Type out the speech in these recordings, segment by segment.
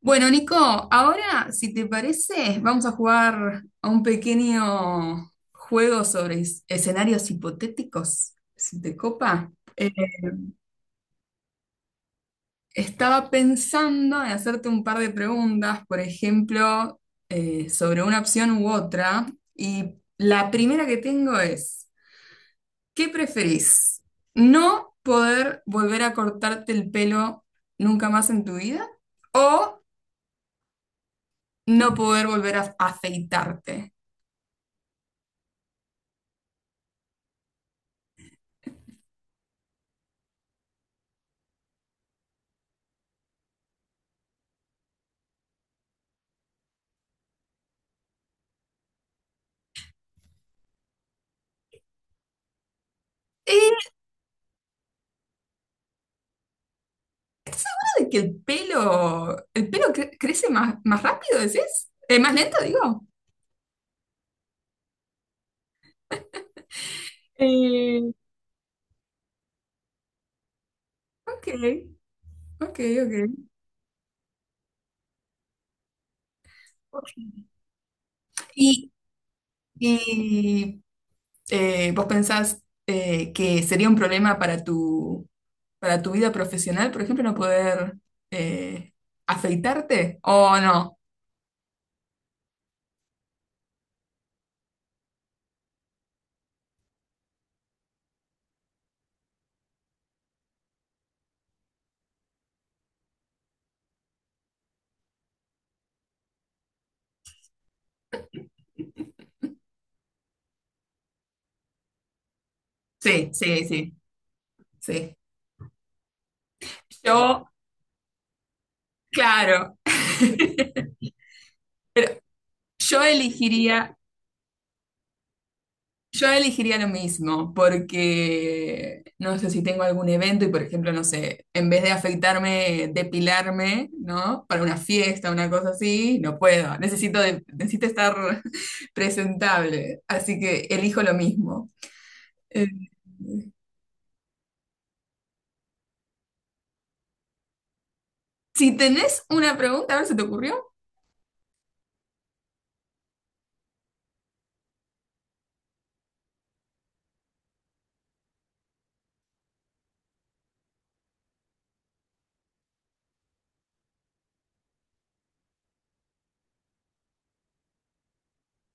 Bueno, Nico, ahora, si te parece, vamos a jugar a un pequeño juego sobre escenarios hipotéticos, si te copa. Eh, Estaba pensando en hacerte un par de preguntas, por ejemplo, sobre una opción u otra, y la primera que tengo es, ¿qué preferís? ¿No poder volver a cortarte el pelo nunca más en tu vida o no poder volver a afeitarte? ¿De que el pelo, el pelo crece más, más rápido, decís? ¿Más lento, digo? Eh, Ok, ok, ok. Y, y, ¿Vos pensás que sería un problema para para tu vida profesional, por ejemplo, no poder eh, afeitarte? ¿O no? Sí, sí, sí, sí. Yo, claro. Yo elegiría Yo elegiría lo mismo, porque no sé si tengo algún evento y, por ejemplo, no sé, en vez de afeitarme, depilarme, ¿no? Para una fiesta, una cosa así, no puedo. Necesito estar presentable, así que elijo lo mismo. Eh, si tenés una pregunta, a ver, ¿se te ocurrió?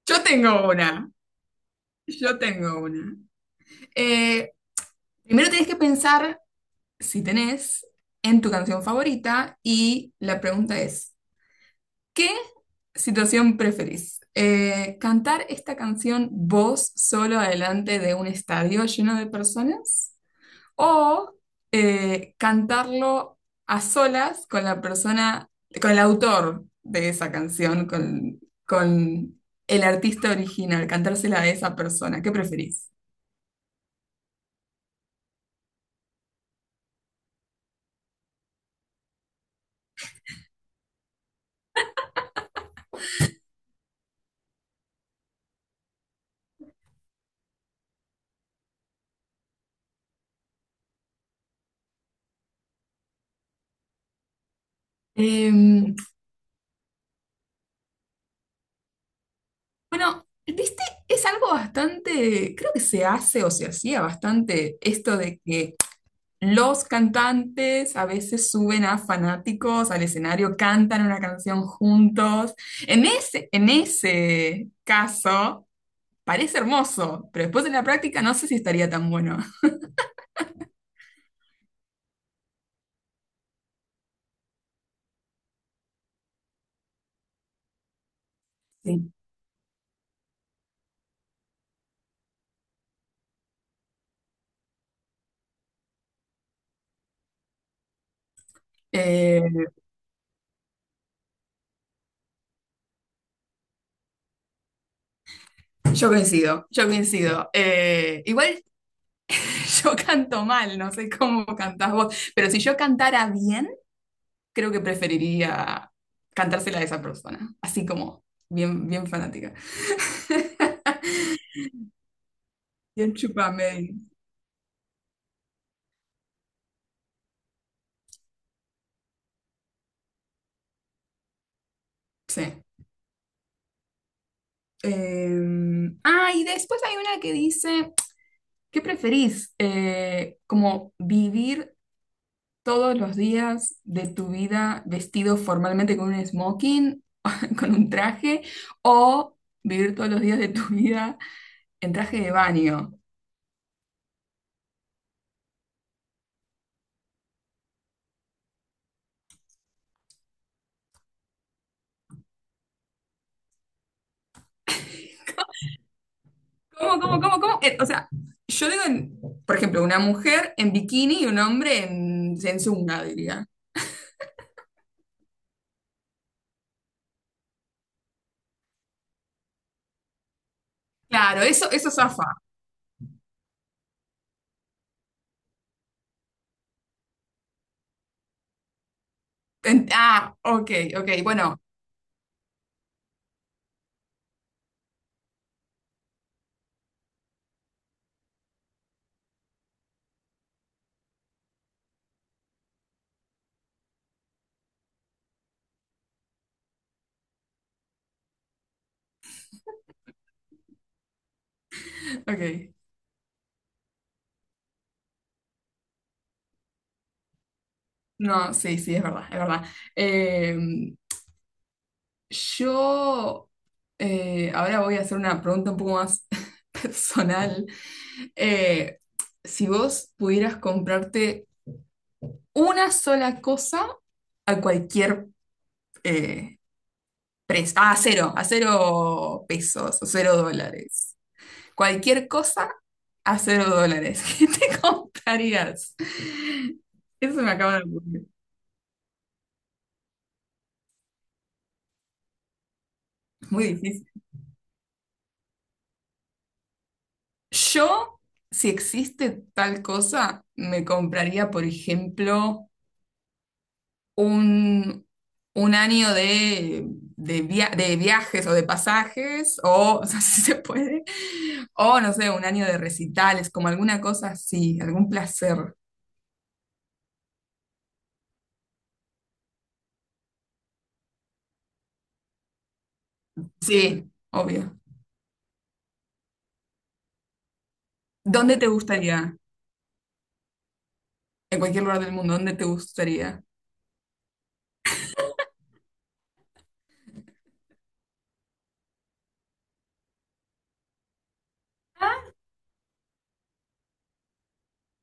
Yo tengo una, yo tengo una. Eh, Primero tenés que pensar, si tenés, en tu canción favorita, y la pregunta es... ¿Qué situación preferís? ¿Cantar esta canción vos solo adelante de un estadio lleno de personas? ¿O cantarlo a solas con la persona, con el autor de esa canción, con el artista original, cantársela a esa persona? ¿Qué preferís? Em, bueno, viste, es algo bastante, creo que se hace o se hacía bastante, esto de que los cantantes a veces suben a fanáticos al escenario, cantan una canción juntos. En en ese caso, parece hermoso, pero después en la práctica no sé si estaría tan bueno. Sí. Eh, yo coincido, yo coincido. Igual, yo canto mal, no sé cómo cantás vos, pero si yo cantara bien, creo que preferiría cantársela a esa persona, así como bien, bien fanática. Bien chupame. Sí. Em, ah, y después hay una que dice, ¿qué preferís? ¿Como vivir todos los días de tu vida vestido formalmente con un smoking, con un traje, o vivir todos los días de tu vida en traje de baño? ¿Cómo, cómo, cómo, cómo? O sea, yo digo, por ejemplo, una mujer en bikini y un hombre en zunga, diría. Claro, eso zafa. Ok, ok, bueno, ok. No, sí, sí, es verdad, es verdad. Eh, yo ahora voy a hacer una pregunta un poco más personal. Eh, si vos pudieras comprarte una sola cosa a cualquier eh, precio, ah, a cero pesos, a cero dólares, cualquier cosa a cero dólares, ¿qué te comprarías? Eso me acaba de ocurrir. Muy Yo, si existe tal cosa, me compraría, por ejemplo, un, un año de, de viajes o de pasajes, o, o sea, si se puede, o no sé, un año de recitales, como alguna cosa así, algún placer. Sí, obvio. ¿Dónde te gustaría? En cualquier lugar del mundo, ¿dónde te gustaría?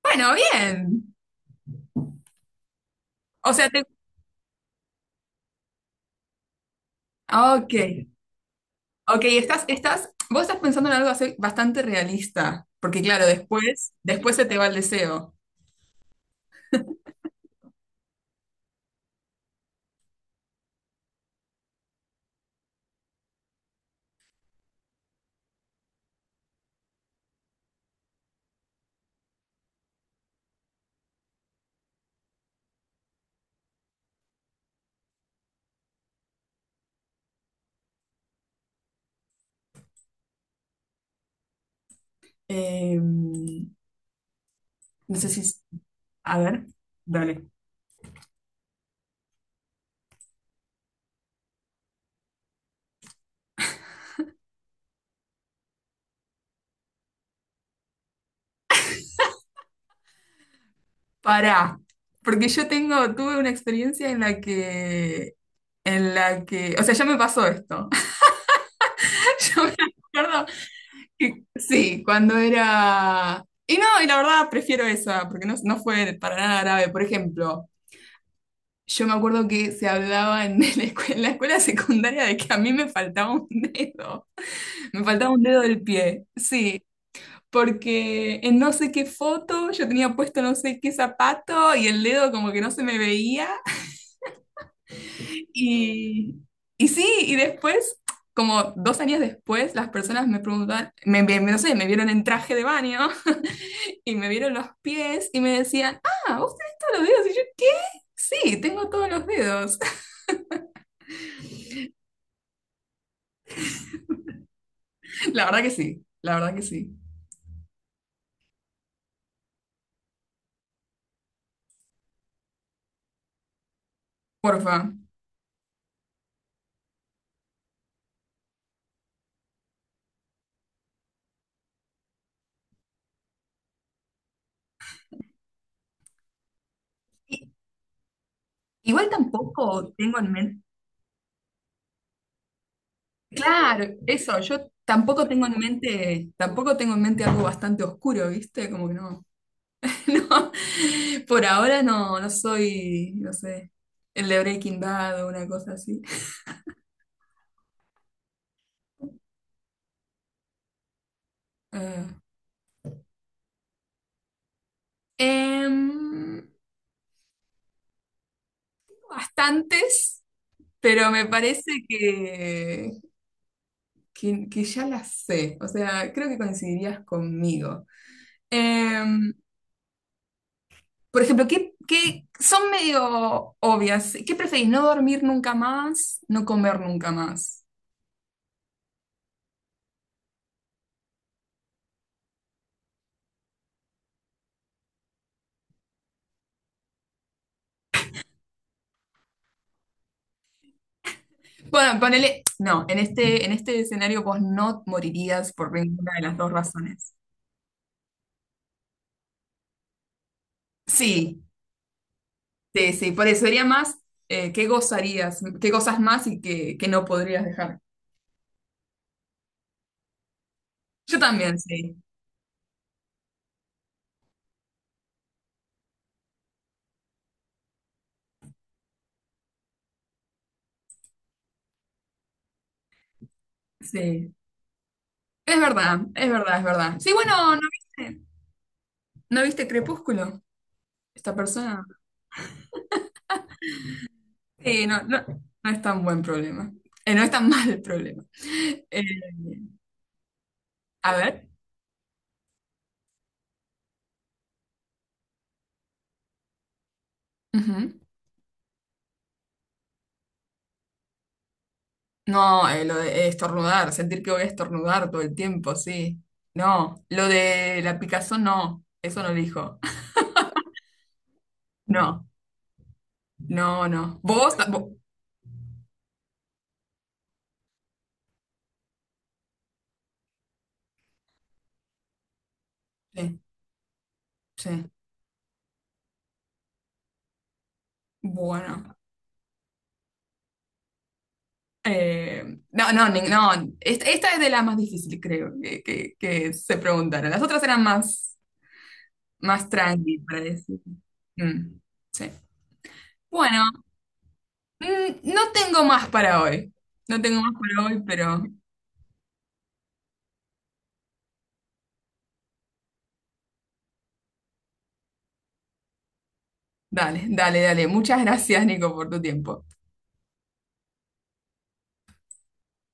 Bueno, bien. O sea, te... Ok. Ok, vos estás pensando en algo así bastante realista, porque claro, después, después se te va el deseo. No sé si, es- A ver, dale. Pará, porque yo tengo, tuve una experiencia en la que, o sea, ya me pasó esto. Yo me acuerdo que, sí, cuando era, y no, y la verdad prefiero esa, porque no, no fue para nada grave. Por ejemplo, yo me acuerdo que se hablaba en en la escuela secundaria, de que a mí me faltaba un dedo, me faltaba un dedo del pie, sí, porque en no sé qué foto yo tenía puesto no sé qué zapato y el dedo como que no se me veía y, y sí, y después, como dos años después, las personas me preguntaban, no sé, me vieron en traje de baño y me vieron los pies y me decían, ah, vos tenés todos los dedos, y yo, ¿qué? Sí, tengo todos los dedos. La verdad que sí, la verdad que sí. Porfa. I- Igual tampoco tengo en mente, claro, eso, yo tampoco tengo en mente, tampoco tengo en mente algo bastante oscuro, ¿viste? Como que no, no, por ahora no, no soy, no sé, el de Breaking Bad o una cosa así. Eh, em, Bastantes, pero me parece que, que ya las sé, o sea, creo que coincidirías conmigo. Em, Por ejemplo, ¿qué, qué son medio obvias? ¿Qué preferís? ¿No dormir nunca más? ¿No comer nunca más? Bueno, ponele, no, en en este escenario vos no morirías por ninguna de las dos razones. Sí, sí, sí, por eso sería más qué gozarías, qué gozas más y qué, qué no podrías dejar. Yo también, sí, sí. Es verdad, es verdad, es verdad. Sí, bueno, ¿no viste, no viste Crepúsculo? Esta persona. Sí, no, no, no es tan buen problema. No es tan mal el problema. Eh, a ver. Ujú. No, lo de estornudar, sentir que voy a estornudar todo el tiempo, sí. No, lo de la picazón, no, eso no elijo. No, no, no. Sí, sí. Bueno. Eh, no. Esta es de las más difíciles, creo, que se preguntaron. Las otras eran más, más tranqui, para decir. Mm, sí. Bueno. Mm, no tengo más para hoy. No tengo más para hoy, pero dale, dale, dale. Muchas gracias, Nico, por tu tiempo.